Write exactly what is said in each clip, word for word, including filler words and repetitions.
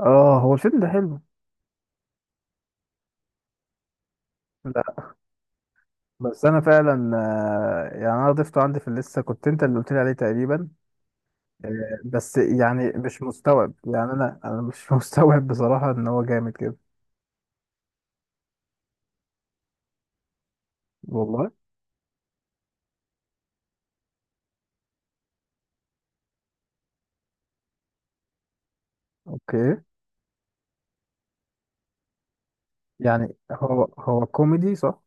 اه، هو الفيلم ده حلو. لا، بس انا فعلا، آه، يعني انا ضفته عندي في اللسته. كنت انت اللي قلت لي عليه تقريبا. آه، بس يعني مش مستوعب، يعني انا انا مش مستوعب بصراحه ان هو جامد كده. والله. اوكي. يعني هو هو كوميدي صح؟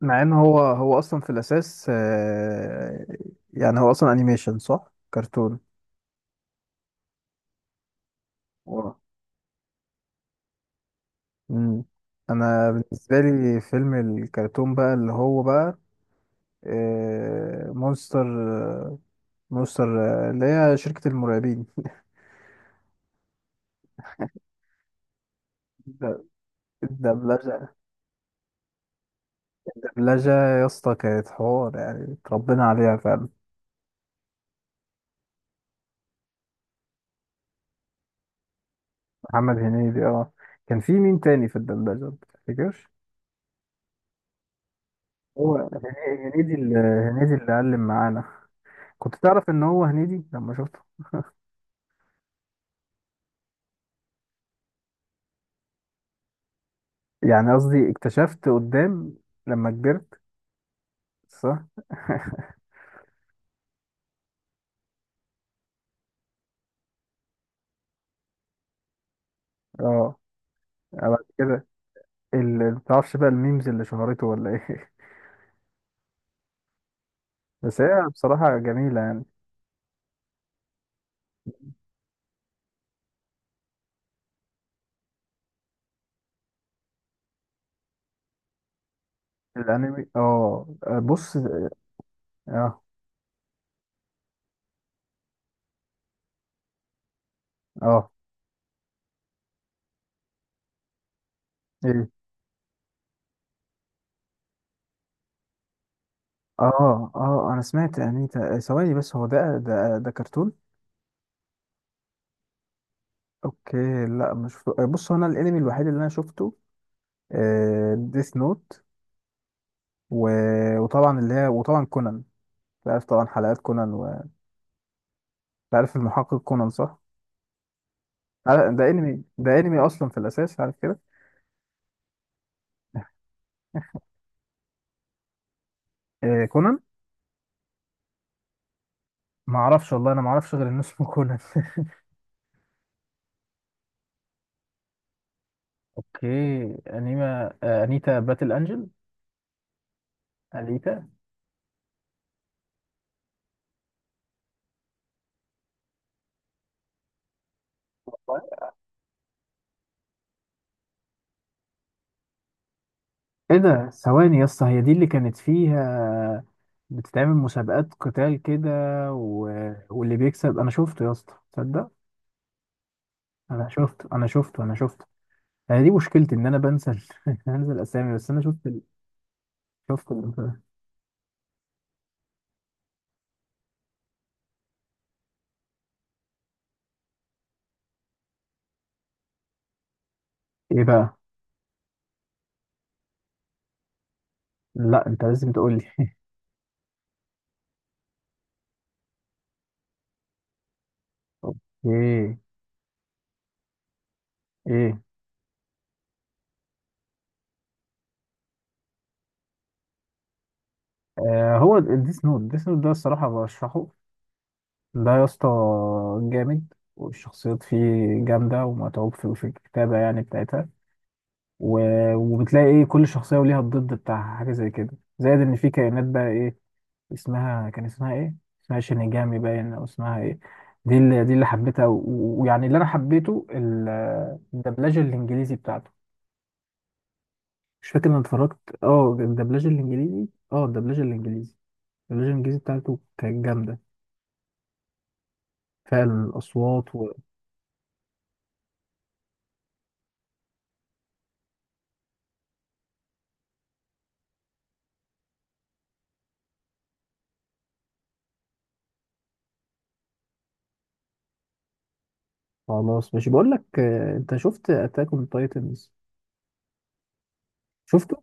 مع ان هو هو اصلا في الاساس، آه، يعني هو اصلا انيميشن صح؟ كرتون. واو. مم. انا بالنسبه لي فيلم الكرتون بقى اللي هو بقى، آه، مونستر. مستر. اللي هي شركة المرعبين. الد- الدبلجة الدبلجة يا اسطى كانت حوار، يعني اتربينا عليها فعلا. محمد هنيدي، اه. كان في مين تاني في الدبلجة متفتكرش؟ هو هن- هنيدي اللي هنيدي اللي علم معانا. كنت تعرف ان هو هنيدي لما شفته؟ يعني قصدي اكتشفت قدام لما كبرت. صح. اه. بعد كده. اللي متعرفش بقى الميمز اللي شهرته، ولا ايه؟ بس هي بصراحة جميلة يعني. الانمي، اه. بص. اه، اه، ايه، اه، اه، انا سمعت انيتا ثواني، بس هو ده ده ده كرتون؟ اوكي. لا مش ف... بص، هو انا الانمي الوحيد اللي انا شفته ديث نوت. و... وطبعا اللي هي، وطبعا كونان. عارف طبعا حلقات كونان. و... عارف المحقق كونان صح؟ عارف- ده انمي ده انمي اصلا في الاساس، عارف كده. آه، كونان. ما اعرفش والله، انا ما اعرفش غير ان اسمه كونان. اوكي، انيما، آه، انيتا باتل انجل. انيتا. ايه ده؟ ثواني يا اسطى، هي دي اللي كانت فيها بتتعمل مسابقات قتال كده؟ و... واللي بيكسب. انا شفته يا اسطى، تصدق؟ انا شفته، انا شفته، انا شفته. انا دي مشكلتي ان انا بنسى ال- بنسى الاسامي. بس انا شفت ال... شفت ال... ايه بقى؟ لا، انت لازم تقول لي. اوكي. ايه؟ آه هو الديس نوت الديس نوت ده الصراحه برشحه. ده يا اسطى جامد، والشخصيات فيه جامده، ومتعوب في في الكتابه يعني بتاعتها. و... وبتلاقي ايه، كل شخصيه وليها الضد بتاعها، حاجه زي كده. زائد ان في كائنات بقى، إيه، اسمها كان اسمها ايه؟ اسمها شينيجامي باين، او اسمها ايه؟ دي اللي دي اللي حبيتها. و- و- ويعني اللي انا حبيته ال- الدبلجه الانجليزي بتاعته. مش فاكر، انا اتفرجت، اه الدبلجه الانجليزي اه الدبلجه الانجليزي الدبلجه الانجليزي بتاعته كانت جامده فعلا، الاصوات. وخلاص ماشي، بقول لك، آه، انت شفت اتاك اون تايتنز؟ شفته.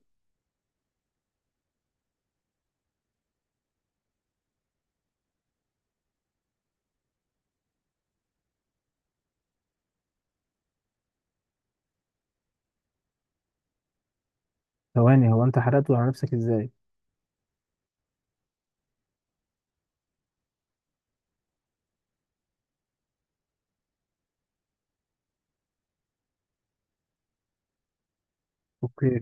ثواني، هو انت حرقته على نفسك ازاي؟ اوكي.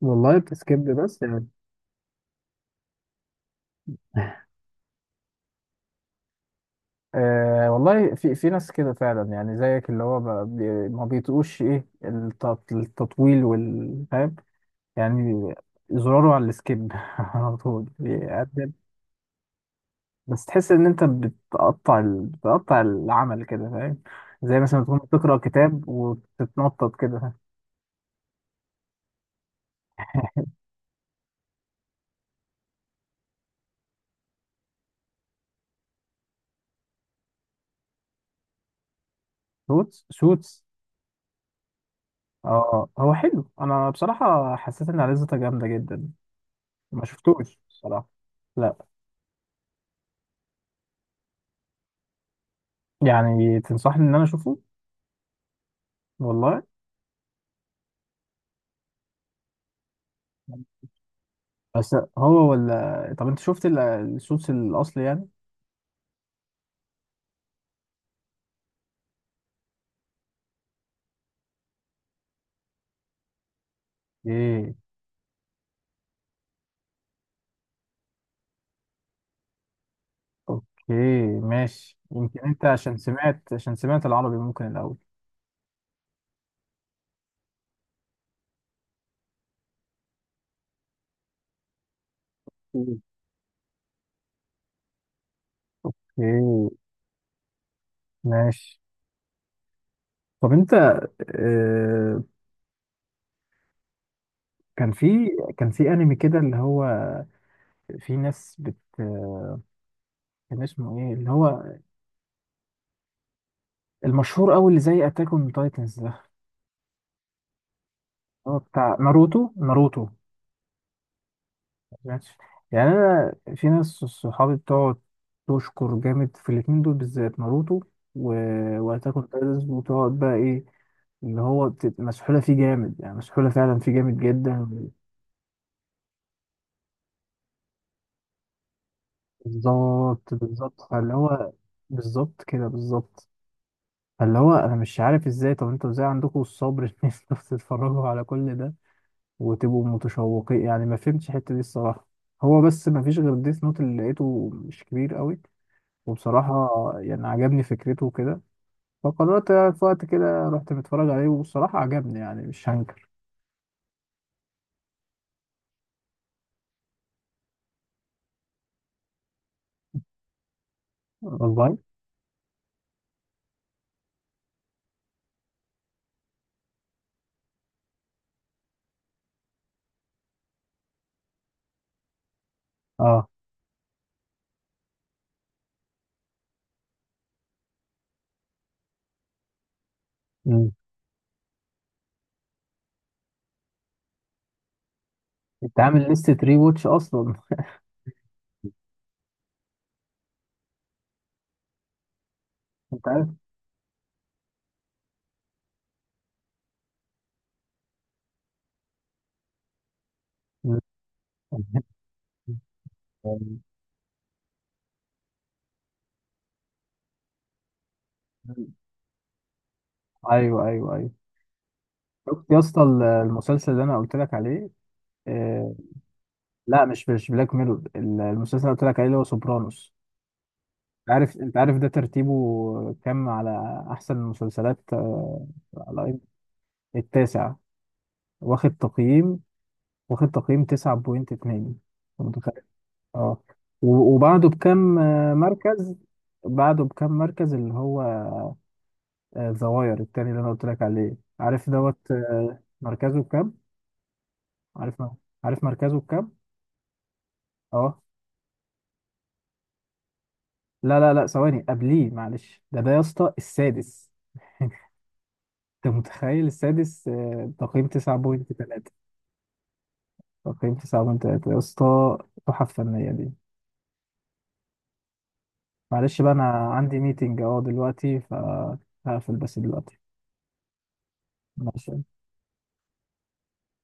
والله بتسكيب، بس يعني. أه والله، في في ناس كده فعلا يعني زيك، اللي هو ب- بي- ما بيطقوش ايه، الت- التطويل والفهم يعني. زراره على السكيب على طول بيقدم. بس تحس ان انت بتقطع ال... بتقطع العمل كده، فاهم؟ زي مثلا تكون بتقرا كتاب وتتنطط كده. سوتس سوتس. اه هو حلو، انا بصراحه حسيت ان عريضته جامده جدا. ما شفتوش بصراحه. لا. يعني تنصحني ان انا اشوفه؟ والله. بس هو ولا، طب انت شفت ال- الصوص الاصلي يعني؟ ايه. اوكي، ماشي. يمكن انت عشان سمعت عشان سمعت العربي ممكن الاول. مم. اوكي، ماشي. طب انت، آه، كان في كان في انمي كده اللي هو في ناس بت كان اسمه ايه، اللي هو المشهور قوي اللي زي اتاك اون تايتنز ده، هو بتاع ناروتو ناروتو. ماشي. يعني انا في ناس صحابي بتقعد تشكر جامد في الاتنين دول بالذات، ناروتو و... واتاك اون تايتنز، وتقعد بقى ايه، اللي هو بت- مسحولة فيه جامد، يعني مسحولة فعلا فيه جامد جدا. بالظبط، بالظبط، فاللي هو بالظبط كده، بالظبط. فاللي هو انا مش عارف ازاي، طب انتوا ازاي عندكم الصبر ان انتوا تتفرجوا على كل ده وتبقوا متشوقين؟ يعني ما فهمتش الحتة دي الصراحة. هو بس ما فيش غير ديث نوت اللي لقيته، مش كبير قوي، وبصراحة يعني عجبني فكرته وكده، فقررت في وقت كده رحت متفرج عليه، وبصراحة عجبني يعني مش هنكر. والله. اه. مم. انت عامل لستة ري واتش اصلا؟ انت عارف. مم. ايوه، ايوه، ايوه. شفت يا اسطى ال- المسلسل اللي انا قلت لك عليه. آه. لا، مش مش بلاك ميرور، المسلسل اللي قلت لك عليه اللي هو سوبرانوس. انت عارف انت عارف ده ترتيبه كام على احسن المسلسلات؟ آه، على آي إم دي بي؟ التاسع. واخد تقييم واخد تقييم تسعة فاصلة اتنين. أنت متخيل؟ اه. و- وبعده بكام، آه، مركز. بعده بكام مركز، اللي هو الزواير التاني اللي انا قلت لك عليه. عارف دوت، آه، مركزه بكام؟ عارف م- عارف مركزه بكام؟ اه. لا، لا، لا، ثواني قبليه، معلش، ده ده يا اسطى السادس. انت متخيل؟ السادس، آه، تقييم تسعة فاصلة تلاتة. تقييم تسعة فاصلة تلاتة، يا اسطى. تحف فنية دي. معلش بقى، انا عندي ميتنج اهو دلوقتي، فهقفل بس دلوقتي. ماشي.